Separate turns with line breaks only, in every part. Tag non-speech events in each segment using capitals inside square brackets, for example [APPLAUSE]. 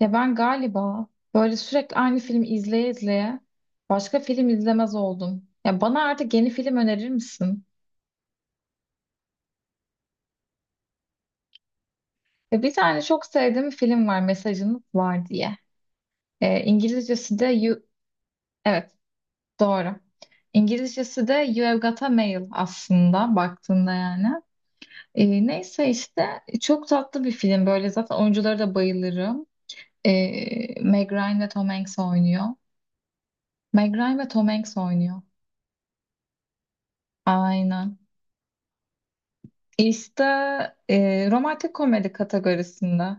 Ya ben galiba böyle sürekli aynı filmi izleye izleye başka film izlemez oldum. Ya bana artık yeni film önerir misin? Ve bir tane çok sevdiğim film var Mesajınız Var diye. İngilizcesi de You... Evet, doğru. İngilizcesi de You Have Got a Mail aslında baktığında yani. Neyse işte çok tatlı bir film böyle zaten oyunculara da bayılırım. Meg Ryan ve Tom Hanks oynuyor. Meg Ryan ve Tom Hanks oynuyor. Aynen. İşte romantik komedi kategorisinde.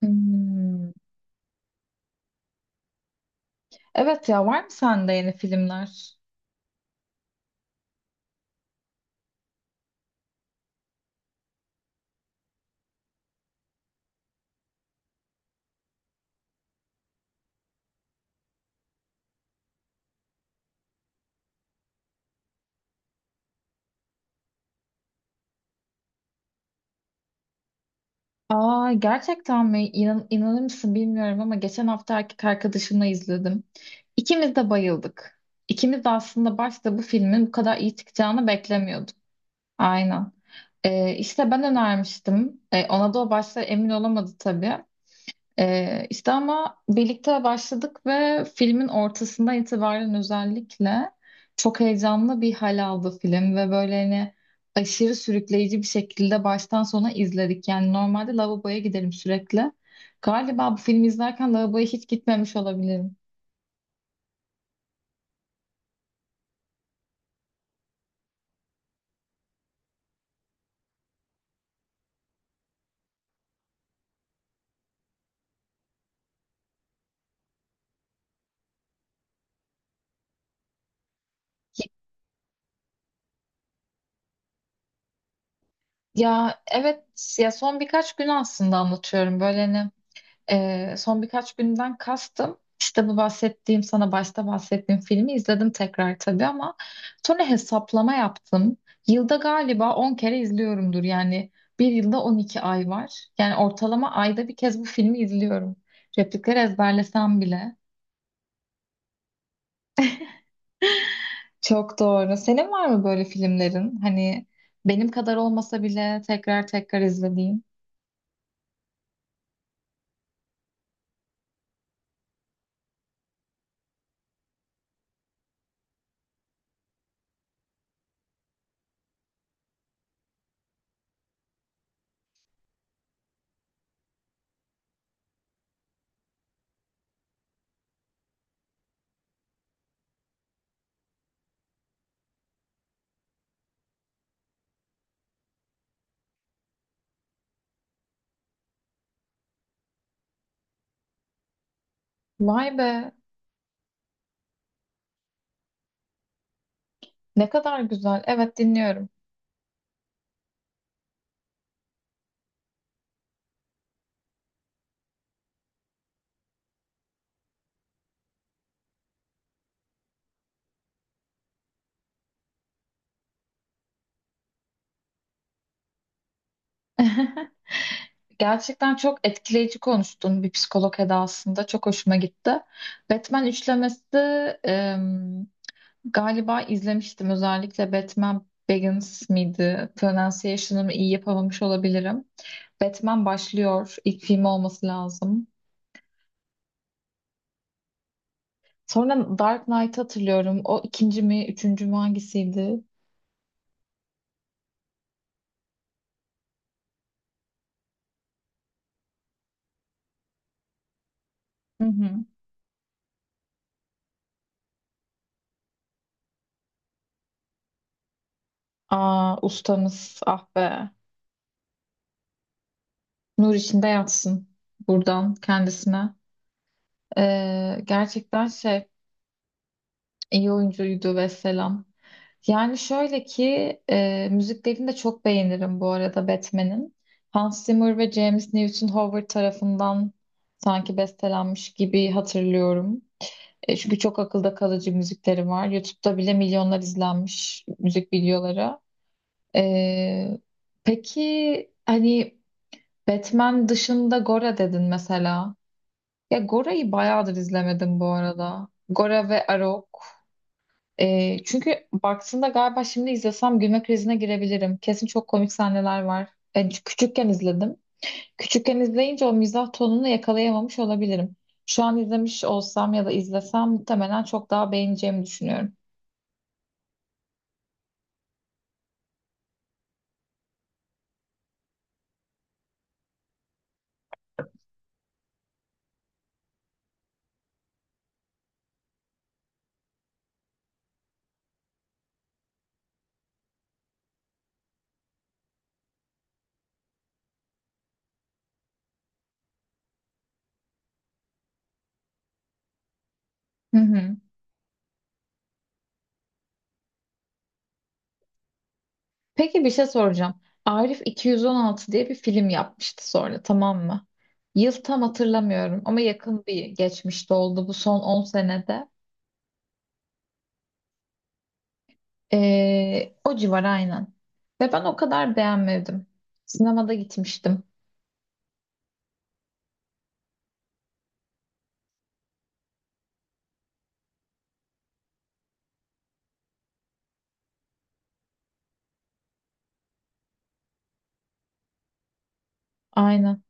Hmm. Evet, ya var mı sende yeni filmler? Aa, gerçekten mi? İnanır mısın bilmiyorum ama geçen hafta erkek arkadaşımla izledim. İkimiz de bayıldık. İkimiz de aslında başta bu filmin bu kadar iyi çıkacağını beklemiyorduk. Aynen. İşte ben önermiştim. Ona da o başta emin olamadı tabii. İşte ama birlikte başladık ve filmin ortasından itibaren özellikle çok heyecanlı bir hal aldı film ve böyle hani aşırı sürükleyici bir şekilde baştan sona izledik. Yani normalde lavaboya giderim sürekli. Galiba bu filmi izlerken lavaboya hiç gitmemiş olabilirim. Ya evet, ya son birkaç gün aslında anlatıyorum böyle hani son birkaç günden kastım. İşte bu bahsettiğim, sana başta bahsettiğim filmi izledim tekrar tabii ama sonra hesaplama yaptım. Yılda galiba 10 kere izliyorumdur. Yani bir yılda 12 ay var. Yani ortalama ayda bir kez bu filmi izliyorum. Replikleri ezberlesem bile. Çok doğru. Senin var mı böyle filmlerin? Hani benim kadar olmasa bile tekrar tekrar izlediğin. Vay be, ne kadar güzel. Evet, dinliyorum. [LAUGHS] Gerçekten çok etkileyici konuştun bir psikolog edasında. Çok hoşuma gitti. Batman üçlemesi em, galiba izlemiştim. Özellikle Batman Begins miydi? Pronunciation'ımı iyi yapamamış olabilirim. Batman başlıyor. İlk film olması lazım. Sonra Dark Knight'ı hatırlıyorum. O ikinci mi, üçüncü mü, hangisiydi? Hı hı. Aa, ustamız ah be. Nur içinde yatsın buradan kendisine. Gerçekten iyi oyuncuydu ve selam. Yani şöyle ki müziklerini de çok beğenirim bu arada Batman'in. Hans Zimmer ve James Newton Howard tarafından sanki bestelenmiş gibi hatırlıyorum. Çünkü çok akılda kalıcı müzikleri var. YouTube'da bile milyonlar izlenmiş müzik videoları. E, peki hani Batman dışında Gora dedin mesela. Ya Gora'yı bayağıdır izlemedim bu arada. Gora ve Arok. Çünkü baktığında galiba şimdi izlesem gülme krizine girebilirim. Kesin çok komik sahneler var. Ben küçükken izledim. Küçükken izleyince o mizah tonunu yakalayamamış olabilirim. Şu an izlemiş olsam ya da izlesem muhtemelen çok daha beğeneceğimi düşünüyorum. Hı hı. Peki bir şey soracağım. Arif 216 diye bir film yapmıştı sonra, tamam mı? Yıl tam hatırlamıyorum ama yakın bir geçmişte oldu, bu son 10 senede. O civar aynen. Ve ben o kadar beğenmedim. Sinemada gitmiştim. Aynen.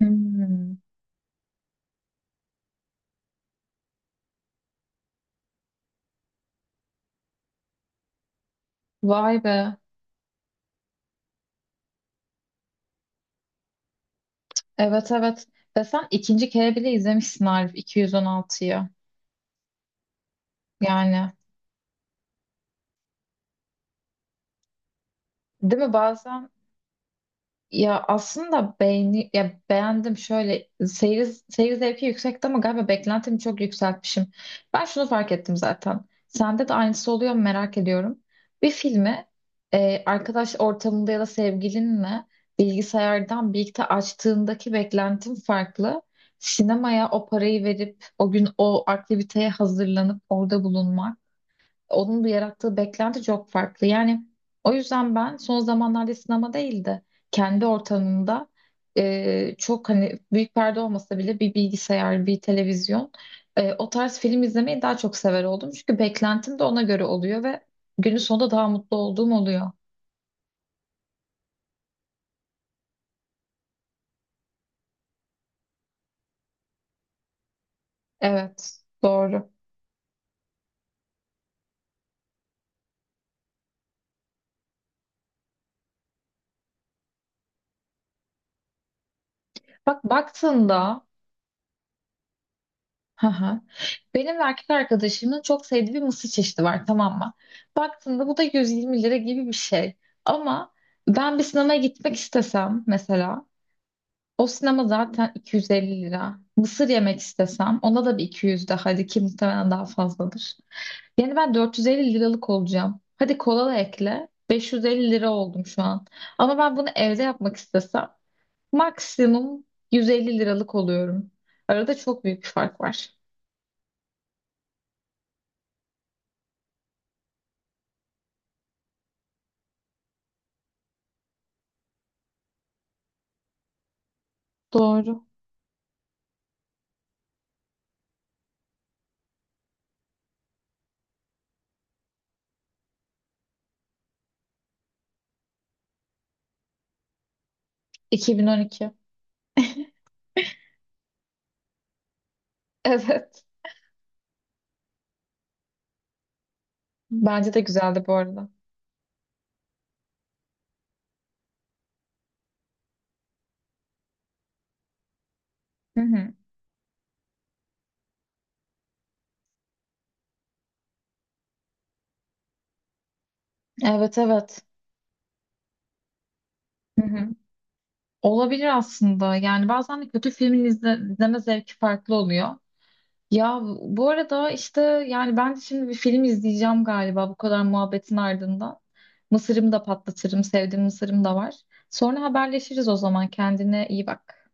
Hmm. Vay be. Evet, evet. Ve sen ikinci kere bile izlemişsin Arif 216'yı. Yani değil mi, bazen aslında ya beğendim şöyle seyir zevki yüksekti ama galiba beklentimi çok yükseltmişim. Ben şunu fark ettim zaten. Sende de aynısı oluyor mu, merak ediyorum. Bir filmi arkadaş ortamında ya da sevgilinle bilgisayardan birlikte açtığındaki beklentim farklı. Sinemaya o parayı verip o gün o aktiviteye hazırlanıp orada bulunmak, onun da yarattığı beklenti çok farklı. Yani o yüzden ben son zamanlarda sinema değil de kendi ortamımda çok hani büyük perde olmasa bile bir bilgisayar, bir televizyon o tarz film izlemeyi daha çok sever oldum. Çünkü beklentim de ona göre oluyor ve günün sonunda daha mutlu olduğum oluyor. Evet, doğru. Baktığında Hı hı. Benim ve erkek arkadaşımın çok sevdiği bir mısır çeşidi var, tamam mı? Baktığında bu da 120 lira gibi bir şey. Ama ben bir sinemaya gitmek istesem mesela, o sinema zaten 250 lira. Mısır yemek istesem ona da bir 200 daha, hadi ki muhtemelen daha fazladır. Yani ben 450 liralık olacağım. Hadi kola da ekle. 550 lira oldum şu an. Ama ben bunu evde yapmak istesem maksimum 150 liralık oluyorum. Arada çok büyük bir fark var. Doğru. 2012. Evet. Bence de güzeldi bu arada. Hı hı. Evet, evet. Hı hı. Olabilir aslında. Yani bazen de kötü filmin izleme zevki farklı oluyor. Ya bu arada işte yani ben de şimdi bir film izleyeceğim galiba bu kadar muhabbetin ardından. Mısırımı da patlatırım. Sevdiğim mısırım da var. Sonra haberleşiriz o zaman. Kendine iyi bak.